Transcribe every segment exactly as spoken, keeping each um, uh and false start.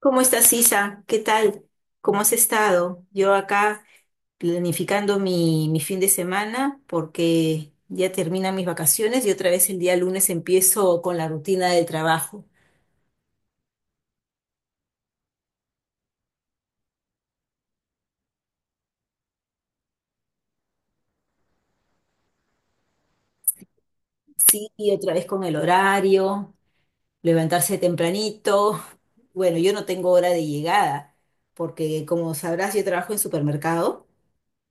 ¿Cómo estás, Isa? ¿Qué tal? ¿Cómo has estado? Yo acá planificando mi, mi fin de semana porque ya terminan mis vacaciones y otra vez el día lunes empiezo con la rutina del trabajo. Sí, y otra vez con el horario, levantarse tempranito. Bueno, yo no tengo hora de llegada porque como sabrás, yo trabajo en supermercado.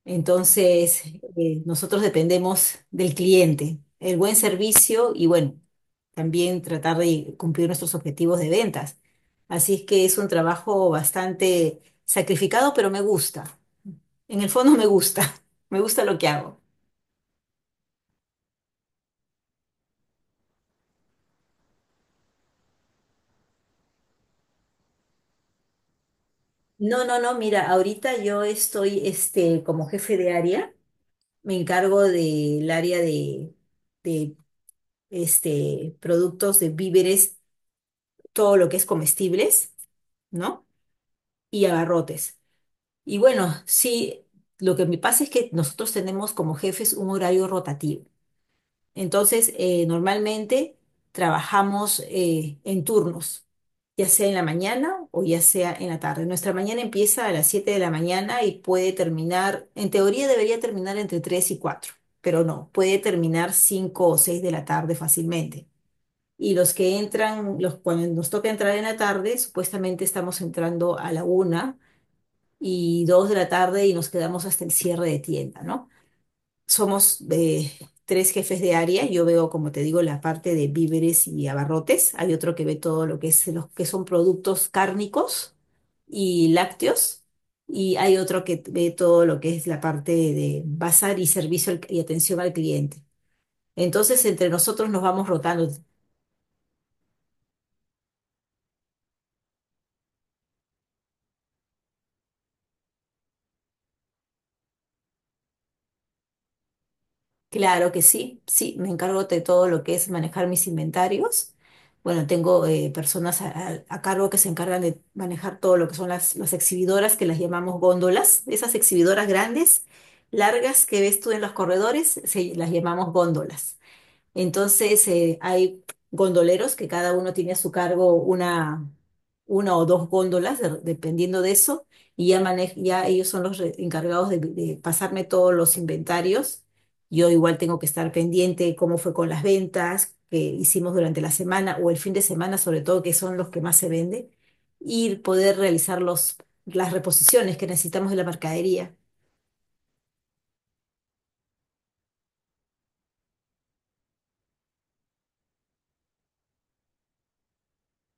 Entonces, eh, nosotros dependemos del cliente, el buen servicio y bueno, también tratar de cumplir nuestros objetivos de ventas. Así es que es un trabajo bastante sacrificado, pero me gusta. En el fondo me gusta, me gusta lo que hago. No, no, no, mira, ahorita yo estoy este, como jefe de área, me encargo del área de, de este, productos de víveres, todo lo que es comestibles, ¿no? Y abarrotes. Y bueno, sí, lo que me pasa es que nosotros tenemos como jefes un horario rotativo. Entonces, eh, normalmente trabajamos eh, en turnos, ya sea en la mañana o ya sea en la tarde. Nuestra mañana empieza a las siete de la mañana y puede terminar, en teoría debería terminar entre tres y cuatro, pero no, puede terminar cinco o seis de la tarde fácilmente. Y los que entran, los, cuando nos toca entrar en la tarde, supuestamente estamos entrando a la una y dos de la tarde y nos quedamos hasta el cierre de tienda, ¿no? Somos eh, tres jefes de área, yo veo, como te digo, la parte de víveres y abarrotes, hay otro que ve todo lo que es los que son productos cárnicos y lácteos, y hay otro que ve todo lo que es la parte de bazar y servicio al- y atención al cliente. Entonces, entre nosotros nos vamos rotando. Claro que sí, sí, me encargo de todo lo que es manejar mis inventarios. Bueno, tengo eh, personas a, a- a cargo que se encargan de manejar todo lo que son las, las exhibidoras, que las llamamos góndolas. Esas exhibidoras grandes, largas que ves tú en los corredores, se, las llamamos góndolas. Entonces, eh, hay gondoleros que cada uno tiene a su cargo una, una o dos góndolas, de- dependiendo de eso, y ya, mane- ya ellos son los re- encargados de, de pasarme todos los inventarios. Yo igual tengo que estar pendiente cómo fue con las ventas que hicimos durante la semana o el fin de semana, sobre todo, que son los que más se venden, y poder realizar los, las reposiciones que necesitamos de la mercadería.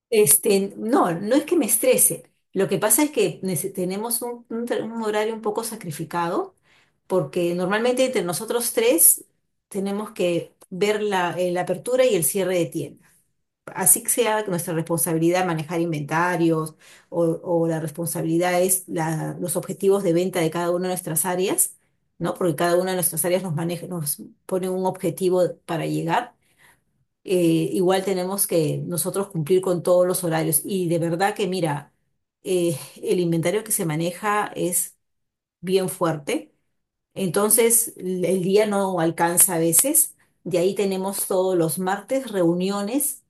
Este, no, no es que me estrese. Lo que pasa es que nece- tenemos un, un tra- un horario un poco sacrificado, porque normalmente entre nosotros tres tenemos que ver la, eh, la apertura y el cierre de tiendas. Así que sea nuestra responsabilidad manejar inventarios o, o la responsabilidad es la- los objetivos de venta de cada una de nuestras áreas, ¿no? Porque cada una de nuestras áreas nos maneja, nos pone un objetivo para llegar eh, igual tenemos que nosotros cumplir con todos los horarios. Y de verdad que, mira, eh, el inventario que se maneja es bien fuerte, entonces l- el día no alcanza a veces. De ahí tenemos todos los martes reuniones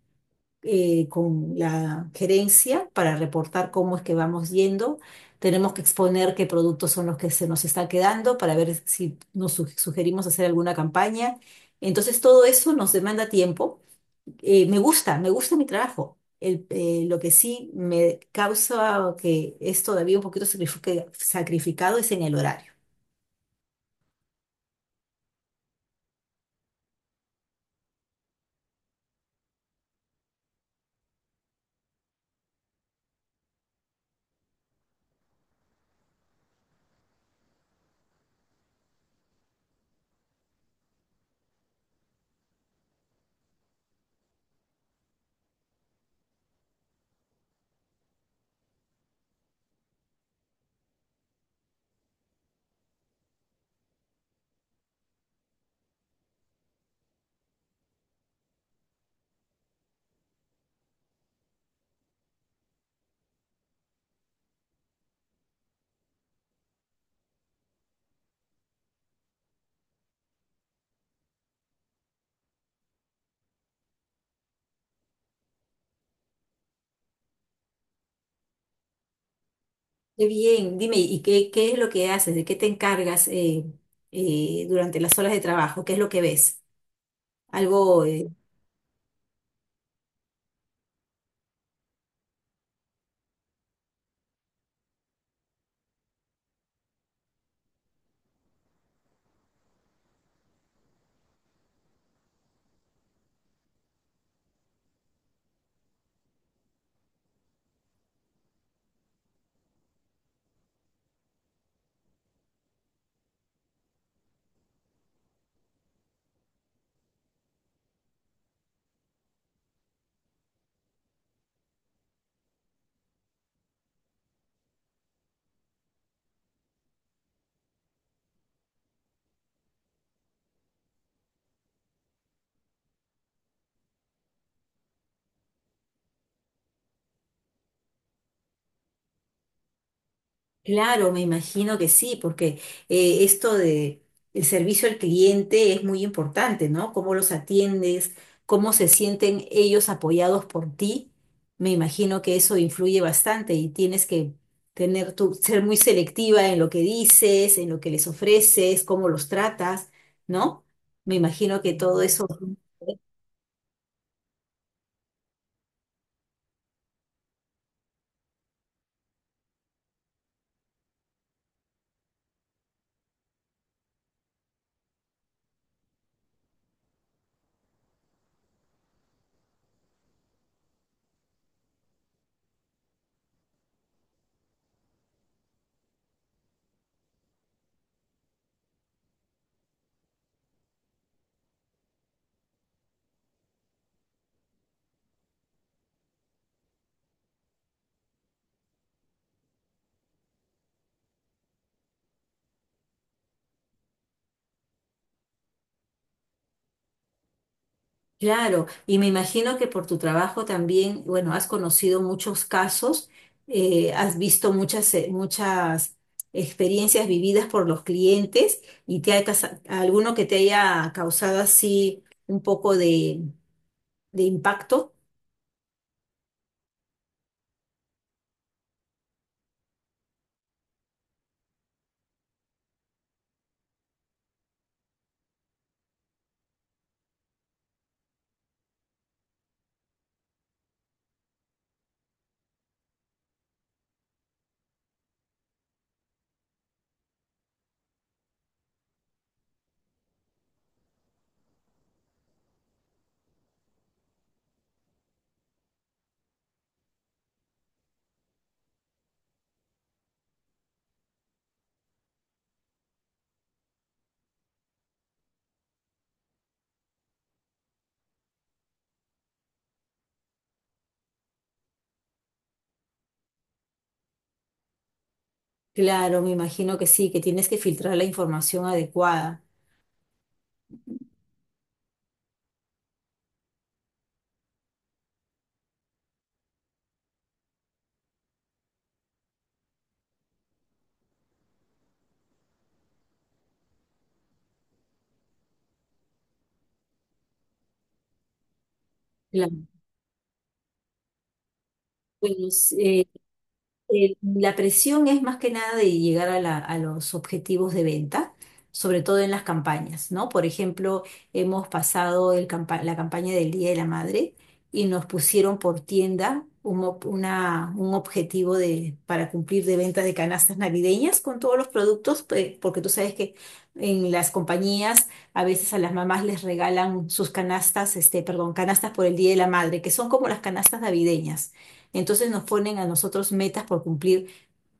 eh, con la gerencia para reportar cómo es que vamos yendo. Tenemos que exponer qué productos son los que se nos está quedando para ver si nos su- sugerimos hacer alguna campaña. Entonces todo eso nos demanda tiempo eh, me gusta, me gusta mi trabajo. El- eh, lo que sí me causa que es todavía un poquito sacrifica- sacrificado es en el horario. Qué bien, dime, ¿y qué, qué es lo que haces? ¿De qué te encargas eh, eh, durante las horas de trabajo? ¿Qué es lo que ves? ¿Algo eh, Claro, me imagino que sí, porque eh, esto de el servicio al cliente es muy importante, ¿no? Cómo los atiendes, cómo se sienten ellos apoyados por ti. Me imagino que eso influye bastante y tienes que tener tu, ser muy selectiva en lo que dices, en lo que les ofreces, cómo los tratas, ¿no? Me imagino que todo eso Claro, y me imagino que por tu trabajo también, bueno, has conocido muchos casos, eh, has visto muchas, eh, muchas experiencias vividas por los clientes y te ha, casa- alguno que te haya causado así un poco de, de impacto. Claro, me imagino que sí, que tienes que filtrar la información adecuada. Claro. Bueno, Eh, la presión es más que nada de llegar a, la- a los objetivos de venta, sobre todo en las campañas, ¿no? Por ejemplo, hemos pasado el campa- la campaña del Día de la Madre y nos pusieron por tienda un, ob- una- un objetivo de, para cumplir de ventas de canastas navideñas con todos los productos, pe- porque tú sabes que en las compañías a veces a las mamás les regalan sus canastas, este, perdón, canastas por el Día de la Madre, que son como las canastas navideñas. Entonces nos ponen a nosotros metas por cumplir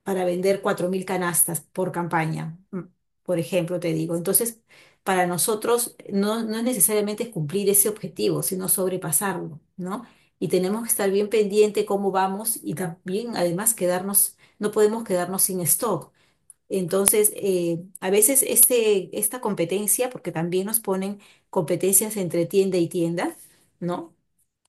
para vender cuatro mil canastas por campaña, mm, por ejemplo, te digo. Entonces, para nosotros no, no es necesariamente cumplir ese objetivo, sino sobrepasarlo, ¿no? Y tenemos que estar bien pendiente cómo vamos y también, además, quedarnos, no podemos quedarnos sin stock. Entonces, eh, a veces este, esta competencia, porque también nos ponen competencias entre tienda y tienda, ¿no?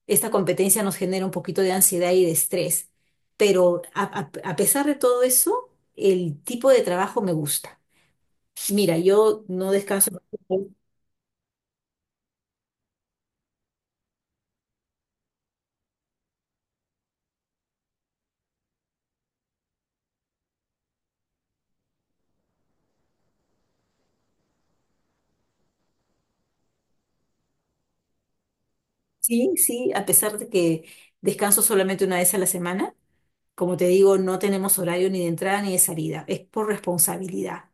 Esta competencia nos genera un poquito de ansiedad y de estrés. Pero a, a- a pesar de todo eso, el tipo de trabajo me gusta. Mira, yo no descanso. Sí, sí, a pesar de que descanso solamente una vez a la semana, como te digo, no tenemos horario ni de entrada ni de salida, es por responsabilidad.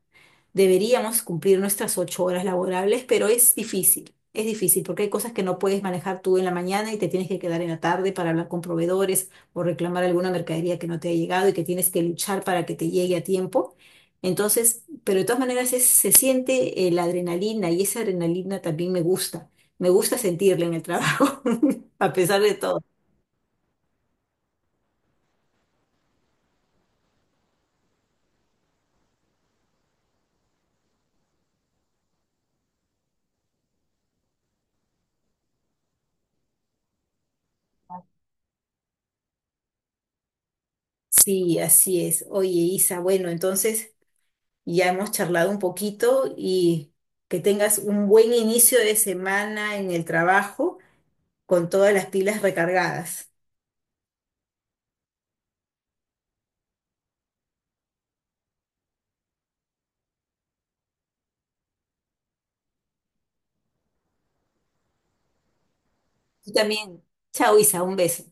Deberíamos cumplir nuestras ocho horas laborables, pero es difícil, es difícil porque hay cosas que no puedes manejar tú en la mañana y te tienes que quedar en la tarde para hablar con proveedores o reclamar alguna mercadería que no te ha llegado y que tienes que luchar para que te llegue a tiempo. Entonces, pero de todas maneras es- se siente eh, la adrenalina y esa adrenalina también me gusta. Me gusta sentirla en el trabajo, a pesar de todo. Sí, así es. Oye, Isa, bueno, entonces ya hemos charlado un poquito y que tengas un buen inicio de semana en el trabajo con todas las pilas recargadas. Tú también. Chao, Isa, un beso.